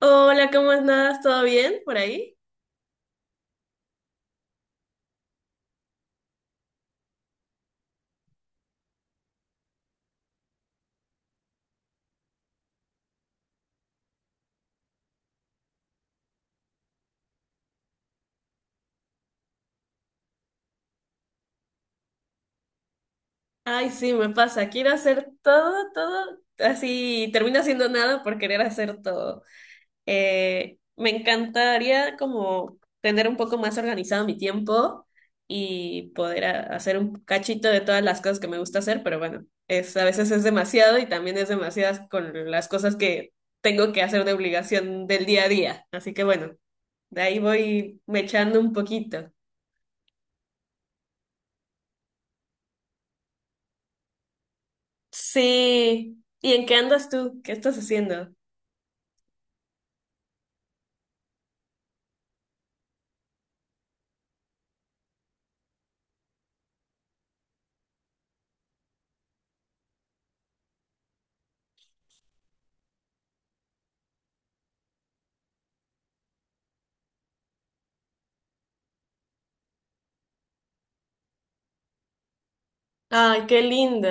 Hola, ¿cómo andas? ¿Todo bien por ahí? Ay, sí, me pasa. Quiero hacer todo, todo, así termino haciendo nada por querer hacer todo. Me encantaría como tener un poco más organizado mi tiempo y poder hacer un cachito de todas las cosas que me gusta hacer, pero bueno, a veces es demasiado y también es demasiadas con las cosas que tengo que hacer de obligación del día a día. Así que bueno, de ahí voy me echando un poquito. Sí. ¿Y en qué andas tú? ¿Qué estás haciendo? Ay, qué lindo.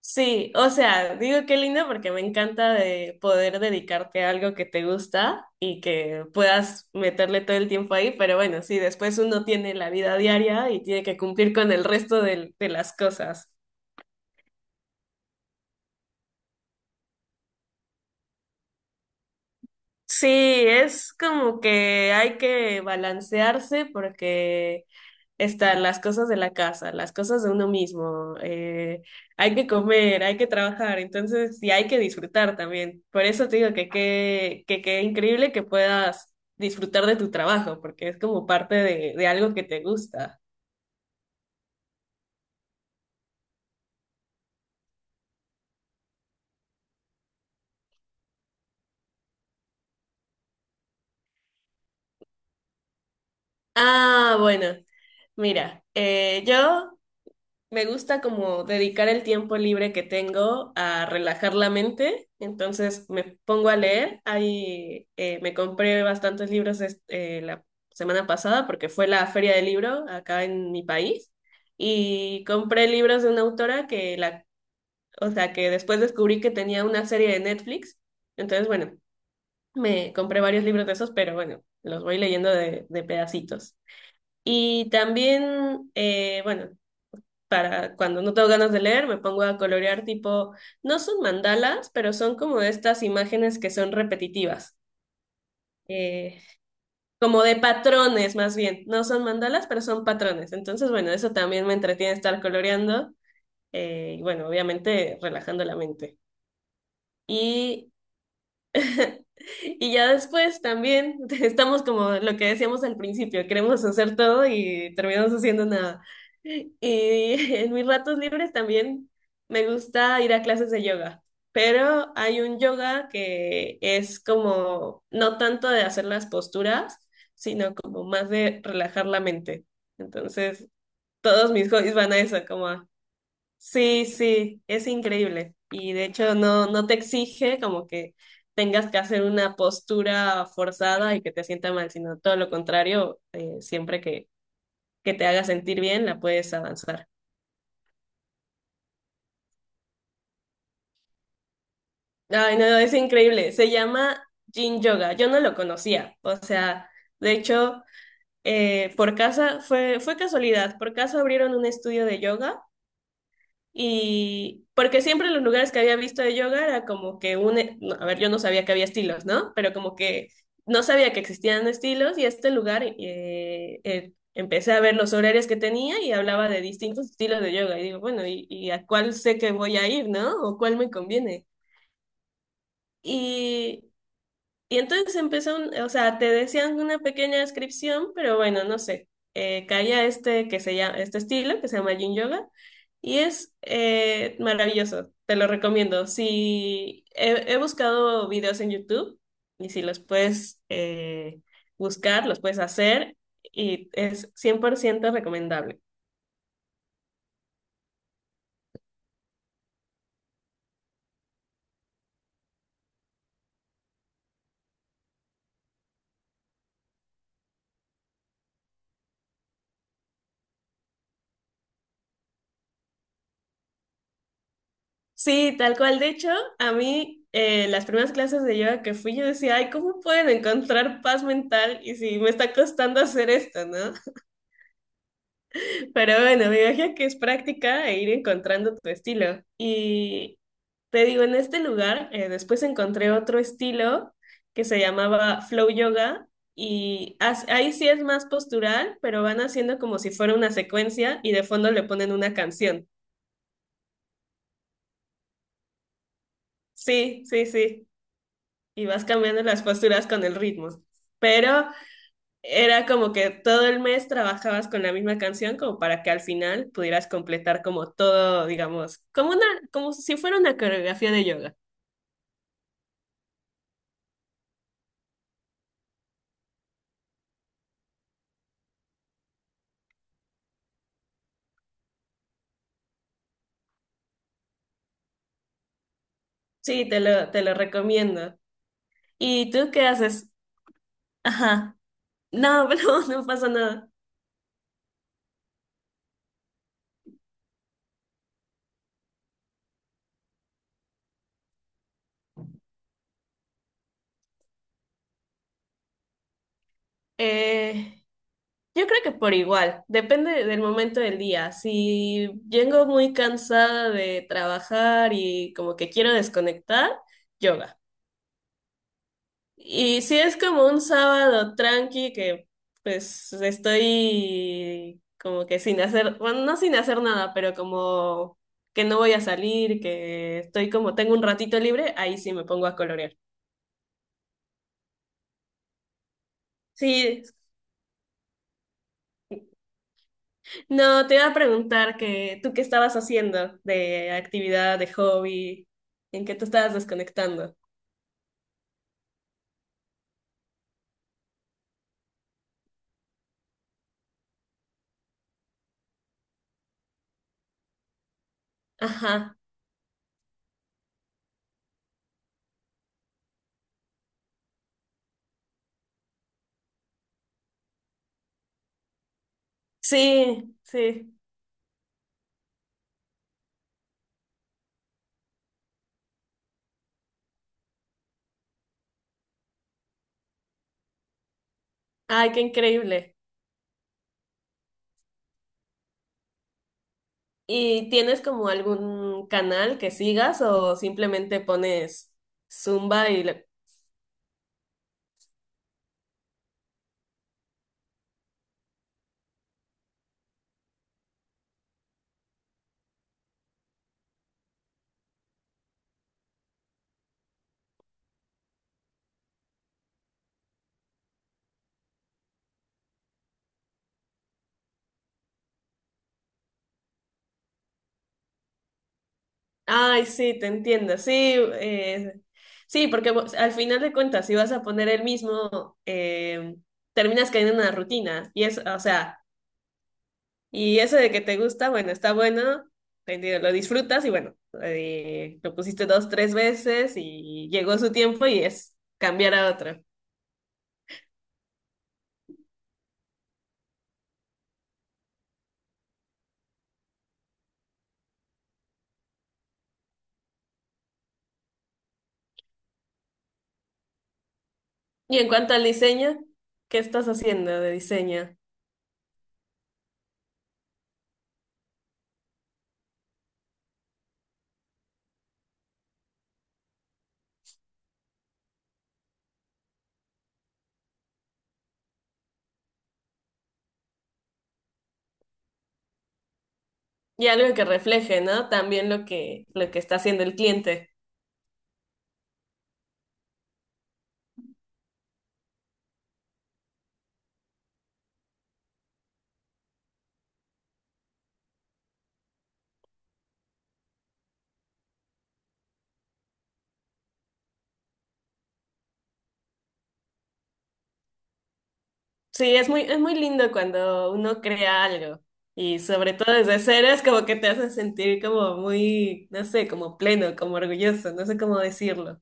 Sí, o sea, digo qué lindo porque me encanta de poder dedicarte a algo que te gusta y que puedas meterle todo el tiempo ahí, pero bueno, sí, después uno tiene la vida diaria y tiene que cumplir con el resto las cosas. Sí, es como que hay que balancearse porque están las cosas de la casa, las cosas de uno mismo, hay que comer, hay que trabajar, entonces, y hay que disfrutar también. Por eso te digo que qué increíble que puedas disfrutar de tu trabajo, porque es como parte de algo que te gusta. Ah, bueno, mira, yo Me gusta como dedicar el tiempo libre que tengo a relajar la mente, entonces me pongo a leer. Ahí me compré bastantes libros la semana pasada porque fue la feria del libro acá en mi país y compré libros de una autora o sea, que después descubrí que tenía una serie de Netflix. Entonces, bueno, me compré varios libros de esos, pero bueno, los voy leyendo de pedacitos. Y también, bueno, para cuando no tengo ganas de leer, me pongo a colorear tipo, no son mandalas, pero son como estas imágenes que son repetitivas, eh, como de patrones más bien. No son mandalas, pero son patrones. Entonces, bueno, eso también me entretiene estar coloreando, y bueno, obviamente relajando la mente. Y Y ya después también estamos como lo que decíamos al principio, queremos hacer todo y terminamos haciendo nada. Y en mis ratos libres también me gusta ir a clases de yoga, pero hay un yoga que es como no tanto de hacer las posturas, sino como más de relajar la mente. Entonces, todos mis hobbies van a eso, como a. Sí, sí, es increíble. Y de hecho no, no te exige como que tengas que hacer una postura forzada y que te sienta mal, sino todo lo contrario, siempre que te haga sentir bien, la puedes avanzar. Ay, no, es increíble. Se llama Yin Yoga. Yo no lo conocía. O sea, de hecho, por casa fue casualidad. Por casa abrieron un estudio de yoga. Y porque siempre en los lugares que había visto de yoga era como que no, a ver, yo no sabía que había estilos, ¿no? Pero como que no sabía que existían estilos y este lugar empecé a ver los horarios que tenía y hablaba de distintos estilos de yoga. Y digo, bueno, ¿y a cuál sé que voy a ir, ¿no? ¿O cuál me conviene? y y entonces empezó, o sea, te decían una pequeña descripción, pero bueno, no sé. Caía este este estilo que se llama Yin Yoga y es maravilloso, te lo recomiendo. Si he buscado videos en YouTube y si los puedes buscar, los puedes hacer y es 100% recomendable. Sí, tal cual. De hecho, a mí las primeras clases de yoga que fui, yo decía, ay, ¿cómo pueden encontrar paz mental? Y si me está costando hacer esto, ¿no? Pero bueno, me imagino que es práctica e ir encontrando tu estilo. Y te digo, en este lugar, después encontré otro estilo que se llamaba Flow Yoga. Y ahí sí es más postural, pero van haciendo como si fuera una secuencia y de fondo le ponen una canción. Sí, sí, sí. Y vas cambiando las posturas con el ritmo. Pero era como que todo el mes trabajabas con la misma canción como para que al final pudieras completar como todo, digamos, como una, como si fuera una coreografía de yoga. Sí, te lo recomiendo. ¿Y tú qué haces? Ajá. No, no, no pasa nada. Eh, yo creo que por igual, depende del momento del día. Si vengo muy cansada de trabajar y como que quiero desconectar, yoga. Y si es como un sábado tranqui que pues estoy como que sin hacer, bueno, no sin hacer nada, pero como que no voy a salir, que estoy como tengo un ratito libre, ahí sí me pongo a colorear. Sí, no, te iba a preguntar que tú qué estabas haciendo de actividad, de hobby, en qué te estabas desconectando. Ajá, sí, sí. Ay, qué increíble. ¿Y tienes como algún canal que sigas o simplemente pones Zumba y? Ay, sí, te entiendo. Sí, eh, sí, porque al final de cuentas, si vas a poner el mismo, terminas cayendo en una rutina. Y o sea, y eso de que te gusta, bueno, está bueno, te entiendo, lo disfrutas y bueno, lo pusiste dos, tres veces y llegó su tiempo y es cambiar a otro. Y en cuanto al diseño, ¿qué estás haciendo de diseño? Y algo que refleje, ¿no? También lo que está haciendo el cliente. Sí, es muy lindo cuando uno crea algo. Y sobre todo desde cero es como que te hace sentir como muy, no sé, como pleno, como orgulloso, no sé cómo decirlo.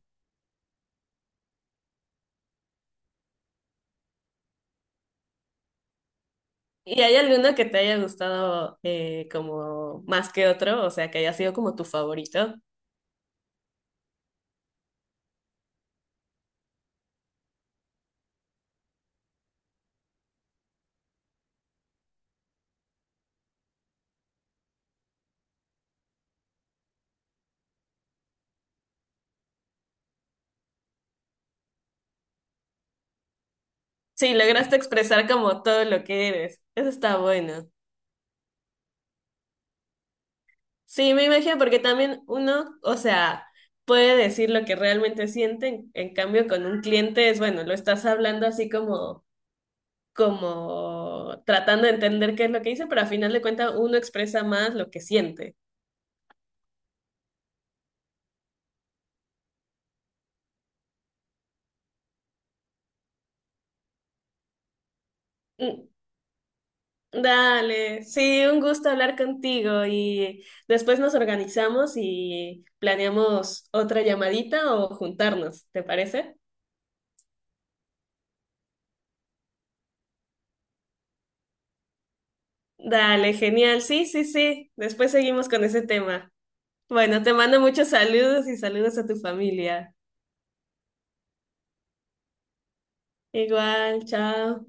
¿Y hay alguno que te haya gustado como más que otro? O sea, que haya sido como tu favorito. Sí, lograste expresar como todo lo que eres. Eso está bueno. Sí, me imagino, porque también uno, o sea, puede decir lo que realmente siente, en cambio con un cliente es, bueno, lo estás hablando así como, como tratando de entender qué es lo que dice, pero a final de cuentas uno expresa más lo que siente. Mm. Dale, sí, un gusto hablar contigo y después nos organizamos y planeamos otra llamadita o juntarnos, ¿te parece? Dale, genial, sí, sí, sí, después seguimos con ese tema. Bueno, te mando muchos saludos y saludos a tu familia. Igual, chao.